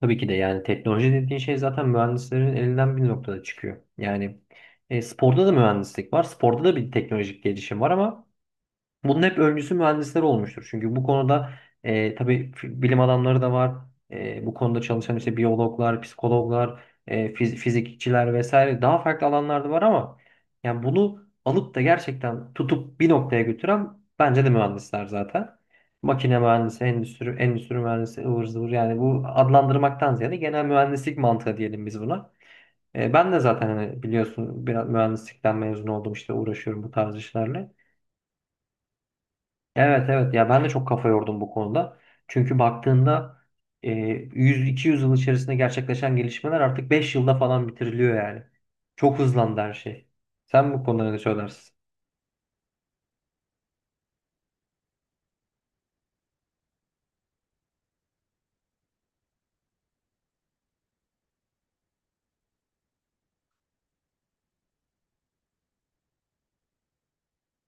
Tabii ki de, yani teknoloji dediğin şey zaten mühendislerin elinden bir noktada çıkıyor. Yani sporda da mühendislik var. Sporda da bir teknolojik gelişim var ama bunun hep öncüsü mühendisler olmuştur. Çünkü bu konuda tabii, bilim adamları da var. Bu konuda çalışan işte biyologlar, psikologlar, fizikçiler vesaire, daha farklı alanlarda var ama yani bunu alıp da gerçekten tutup bir noktaya götüren bence de mühendisler zaten. Makine mühendisi, endüstri mühendisi, ıvır zıvır, yani bu adlandırmaktan ziyade genel mühendislik mantığı diyelim biz buna. Ben de zaten, hani biliyorsun, biraz mühendislikten mezun oldum, işte uğraşıyorum bu tarz işlerle. Evet, evet ya, ben de çok kafa yordum bu konuda. Çünkü baktığında, e, 100-200 yıl içerisinde gerçekleşen gelişmeler artık 5 yılda falan bitiriliyor yani. Çok hızlandı her şey. Sen bu konuda ne söylersin?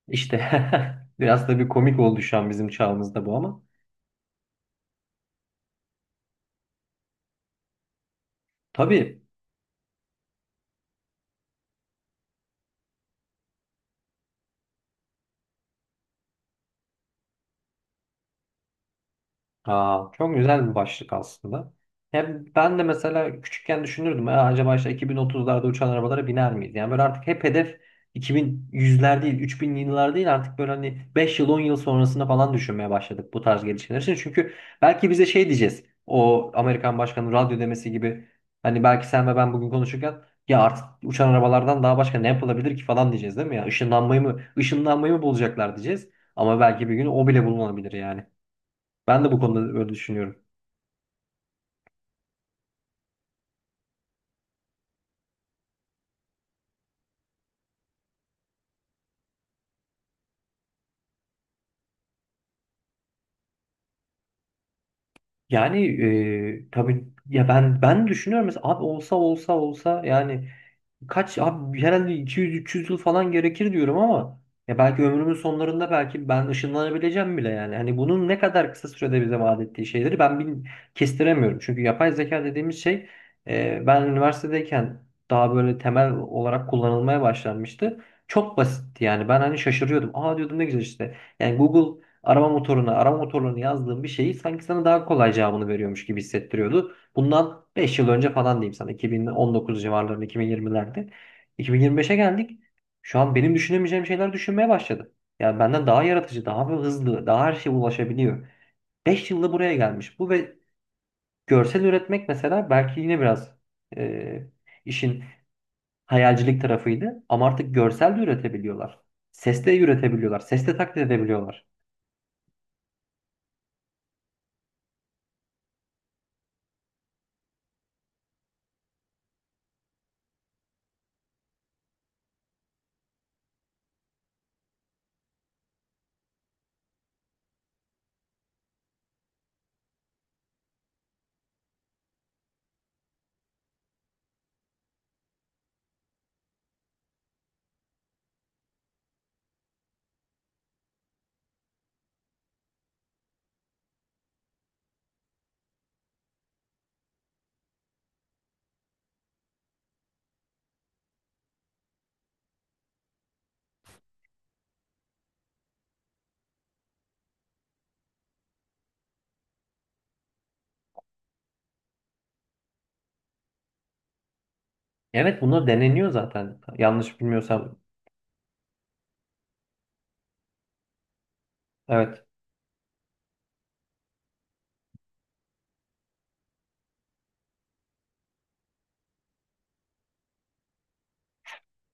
İşte, biraz da bir komik oldu şu an bizim çağımızda bu ama. Tabii. Aa, çok güzel bir başlık aslında. Hem ben de mesela küçükken düşünürdüm, "Aa, acaba işte 2030'larda uçan arabalara biner miyiz?" Yani böyle artık hep hedef 2100'ler değil, 3000'li yıllar değil, artık böyle hani 5 yıl 10 yıl sonrasına falan düşünmeye başladık bu tarz gelişmeler için. Çünkü belki bize şey diyeceğiz, o Amerikan başkanının radyo demesi gibi. Hani belki sen ve ben bugün konuşurken, "Ya artık uçan arabalardan daha başka ne yapılabilir ki?" falan diyeceğiz, değil mi ya? Işınlanmayı mı, ışınlanmayı mı bulacaklar diyeceğiz. Ama belki bir gün o bile bulunabilir yani. Ben de bu konuda öyle düşünüyorum. Yani tabii ya, ben düşünüyorum mesela, abi olsa olsa yani, kaç abi, herhalde 200-300 yıl falan gerekir diyorum. Ama ya belki ömrümün sonlarında, belki ben ışınlanabileceğim bile yani. Hani bunun ne kadar kısa sürede bize vaat ettiği şeyleri ben kestiremiyorum. Çünkü yapay zeka dediğimiz şey, ben üniversitedeyken daha böyle temel olarak kullanılmaya başlanmıştı. Çok basitti yani, ben hani şaşırıyordum. "Aa" diyordum, "ne güzel işte." Yani Google arama motoruna, arama motorlarını yazdığım bir şeyi sanki sana daha kolay cevabını veriyormuş gibi hissettiriyordu. Bundan 5 yıl önce falan diyeyim sana, 2019 civarlarında, 2020'lerde. 2025'e geldik. Şu an benim düşünemeyeceğim şeyler düşünmeye başladı. Yani benden daha yaratıcı, daha hızlı, daha her şeye ulaşabiliyor. 5 yılda buraya gelmiş. Bu ve görsel üretmek mesela, belki yine biraz e, işin hayalcilik tarafıydı. Ama artık görsel de üretebiliyorlar. Ses de üretebiliyorlar. Ses de taklit edebiliyorlar. Evet, bunlar deneniyor zaten, yanlış bilmiyorsam. Evet.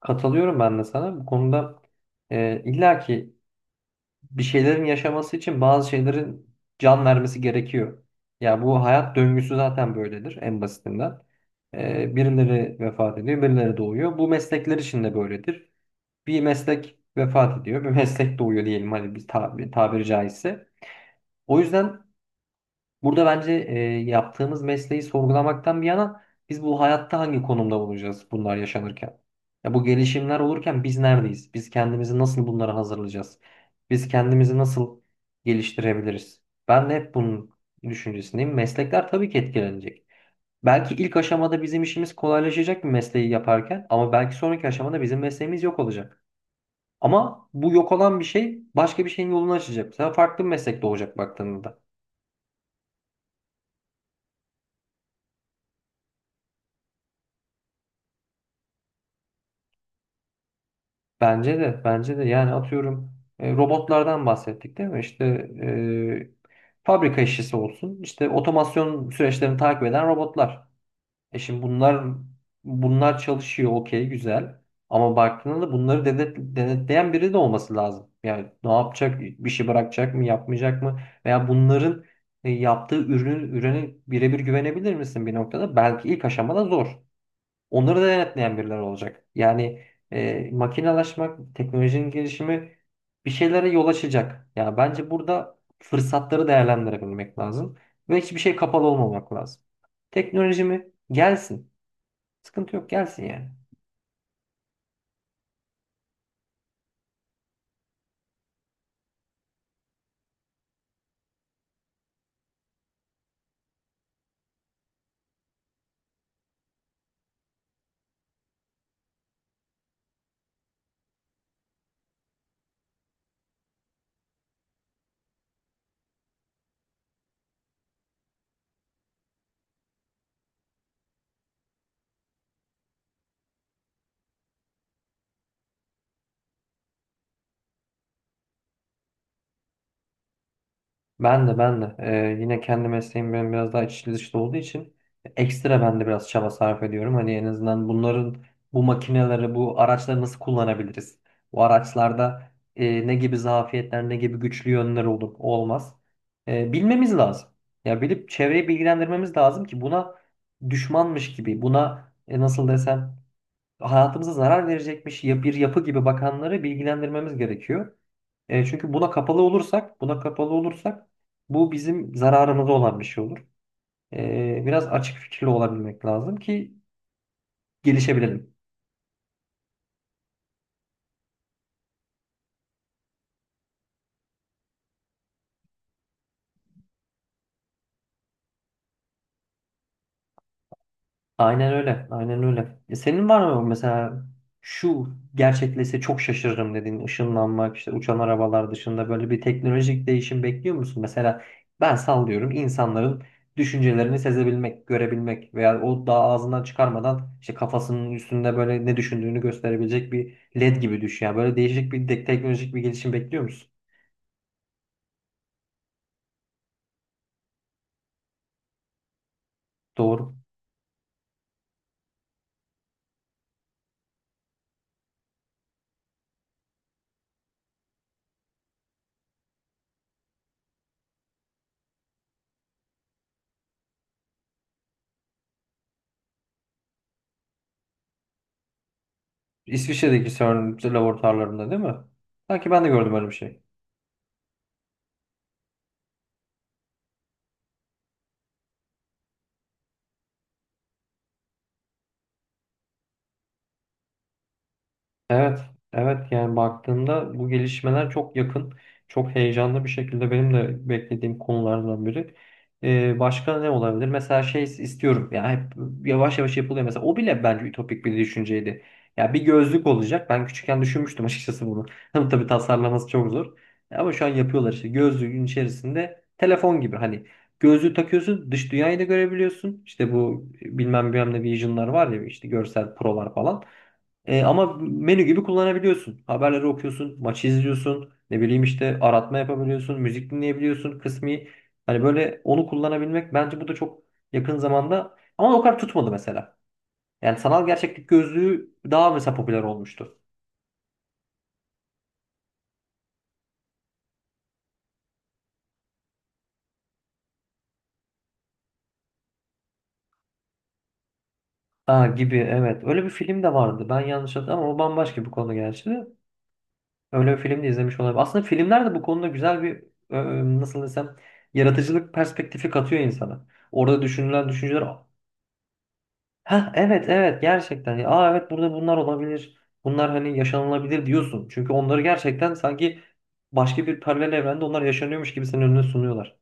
Katılıyorum ben de sana. Bu konuda illa ki bir şeylerin yaşaması için bazı şeylerin can vermesi gerekiyor. Ya bu hayat döngüsü zaten böyledir, en basitinden. Birileri vefat ediyor, birileri doğuyor. Bu meslekler için de böyledir. Bir meslek vefat ediyor, bir meslek doğuyor, diyelim hadi, bir tabiri caizse. O yüzden burada, bence, yaptığımız mesleği sorgulamaktan bir yana, biz bu hayatta hangi konumda olacağız bunlar yaşanırken? Ya bu gelişimler olurken biz neredeyiz? Biz kendimizi nasıl bunlara hazırlayacağız? Biz kendimizi nasıl geliştirebiliriz? Ben de hep bunun düşüncesindeyim. Meslekler tabii ki etkilenecek. Belki ilk aşamada bizim işimiz kolaylaşacak bir mesleği yaparken, ama belki sonraki aşamada bizim mesleğimiz yok olacak. Ama bu yok olan bir şey başka bir şeyin yolunu açacak. Mesela farklı bir meslek doğacak baktığında. Bence de, bence de. Yani atıyorum, robotlardan bahsettik değil mi? İşte, fabrika işçisi olsun, işte otomasyon süreçlerini takip eden robotlar. Şimdi bunlar çalışıyor, okey, güzel. Ama baktığında da bunları, devlet, denetleyen biri de olması lazım. Yani ne yapacak, bir şey bırakacak mı, yapmayacak mı? Veya bunların yaptığı ürünün, ürüne birebir güvenebilir misin bir noktada? Belki ilk aşamada zor; onları da denetleyen birileri olacak. Yani makinelaşmak, teknolojinin gelişimi bir şeylere yol açacak. Yani bence burada fırsatları değerlendirebilmek lazım ve hiçbir şey kapalı olmamak lazım. Teknoloji mi? Gelsin. Sıkıntı yok, gelsin yani. Ben de, yine, kendi mesleğim benim biraz daha içli dışlı olduğu için, ekstra ben de biraz çaba sarf ediyorum. Hani en azından bunların, bu makineleri, bu araçları nasıl kullanabiliriz? Bu araçlarda ne gibi zafiyetler, ne gibi güçlü yönler olur, o olmaz, bilmemiz lazım. Ya bilip çevreyi bilgilendirmemiz lazım ki, buna düşmanmış gibi, buna nasıl desem, hayatımıza zarar verecekmiş, ya, bir yapı gibi bakanları bilgilendirmemiz gerekiyor. Çünkü buna kapalı olursak, buna kapalı olursak, bu bizim zararımıza olan bir şey olur. Biraz açık fikirli olabilmek lazım ki gelişebilelim. Aynen öyle. Aynen öyle. Senin var mı mesela, şu gerçekleşse çok şaşırırım dediğin, ışınlanmak, işte uçan arabalar dışında böyle bir teknolojik değişim bekliyor musun? Mesela, ben sallıyorum, insanların düşüncelerini sezebilmek, görebilmek veya o daha ağzından çıkarmadan işte kafasının üstünde böyle ne düşündüğünü gösterebilecek bir led gibi düşün. Yani böyle değişik bir teknolojik bir gelişim bekliyor musun? Doğru. İsviçre'deki CERN laboratuvarlarında değil mi? Sanki ben de gördüm öyle bir şey. Evet, evet, yani baktığımda bu gelişmeler çok yakın, çok heyecanlı bir şekilde benim de beklediğim konulardan biri. Başka ne olabilir? Mesela şey istiyorum. Ya hep yavaş yavaş yapılıyor mesela; o bile bence ütopik bir düşünceydi. Ya, bir gözlük olacak. Ben küçükken düşünmüştüm açıkçası bunu. Ama tabii tasarlaması çok zor. Ama şu an yapıyorlar işte. Gözlüğün içerisinde telefon gibi, hani, gözlüğü takıyorsun, dış dünyayı da görebiliyorsun. İşte bu bilmem bilmem ne vision'lar var ya, işte görsel prolar falan. Ama menü gibi kullanabiliyorsun. Haberleri okuyorsun, maçı izliyorsun, ne bileyim işte, aratma yapabiliyorsun, müzik dinleyebiliyorsun kısmi. Hani böyle onu kullanabilmek bence bu da çok yakın zamanda, ama o kadar tutmadı mesela. Yani sanal gerçeklik gözlüğü daha mesela popüler olmuştu. Aa, gibi, evet. Öyle bir film de vardı. Ben yanlış hatırladım, ama o bambaşka bir konu gerçi. Öyle bir film de izlemiş olabilirim. Aslında filmler de bu konuda güzel bir, nasıl desem, yaratıcılık perspektifi katıyor insana. Orada düşünülen düşünceler. Ha, evet, evet, gerçekten. Ya, aa, evet, burada bunlar olabilir. Bunlar hani yaşanılabilir diyorsun. Çünkü onları gerçekten sanki başka bir paralel evrende onlar yaşanıyormuş gibi senin önüne sunuyorlar.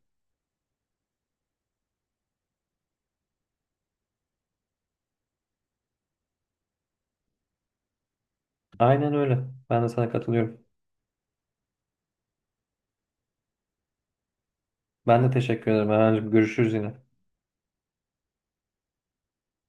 Aynen öyle. Ben de sana katılıyorum. Ben de teşekkür ederim. Erhan'cığım, görüşürüz yine.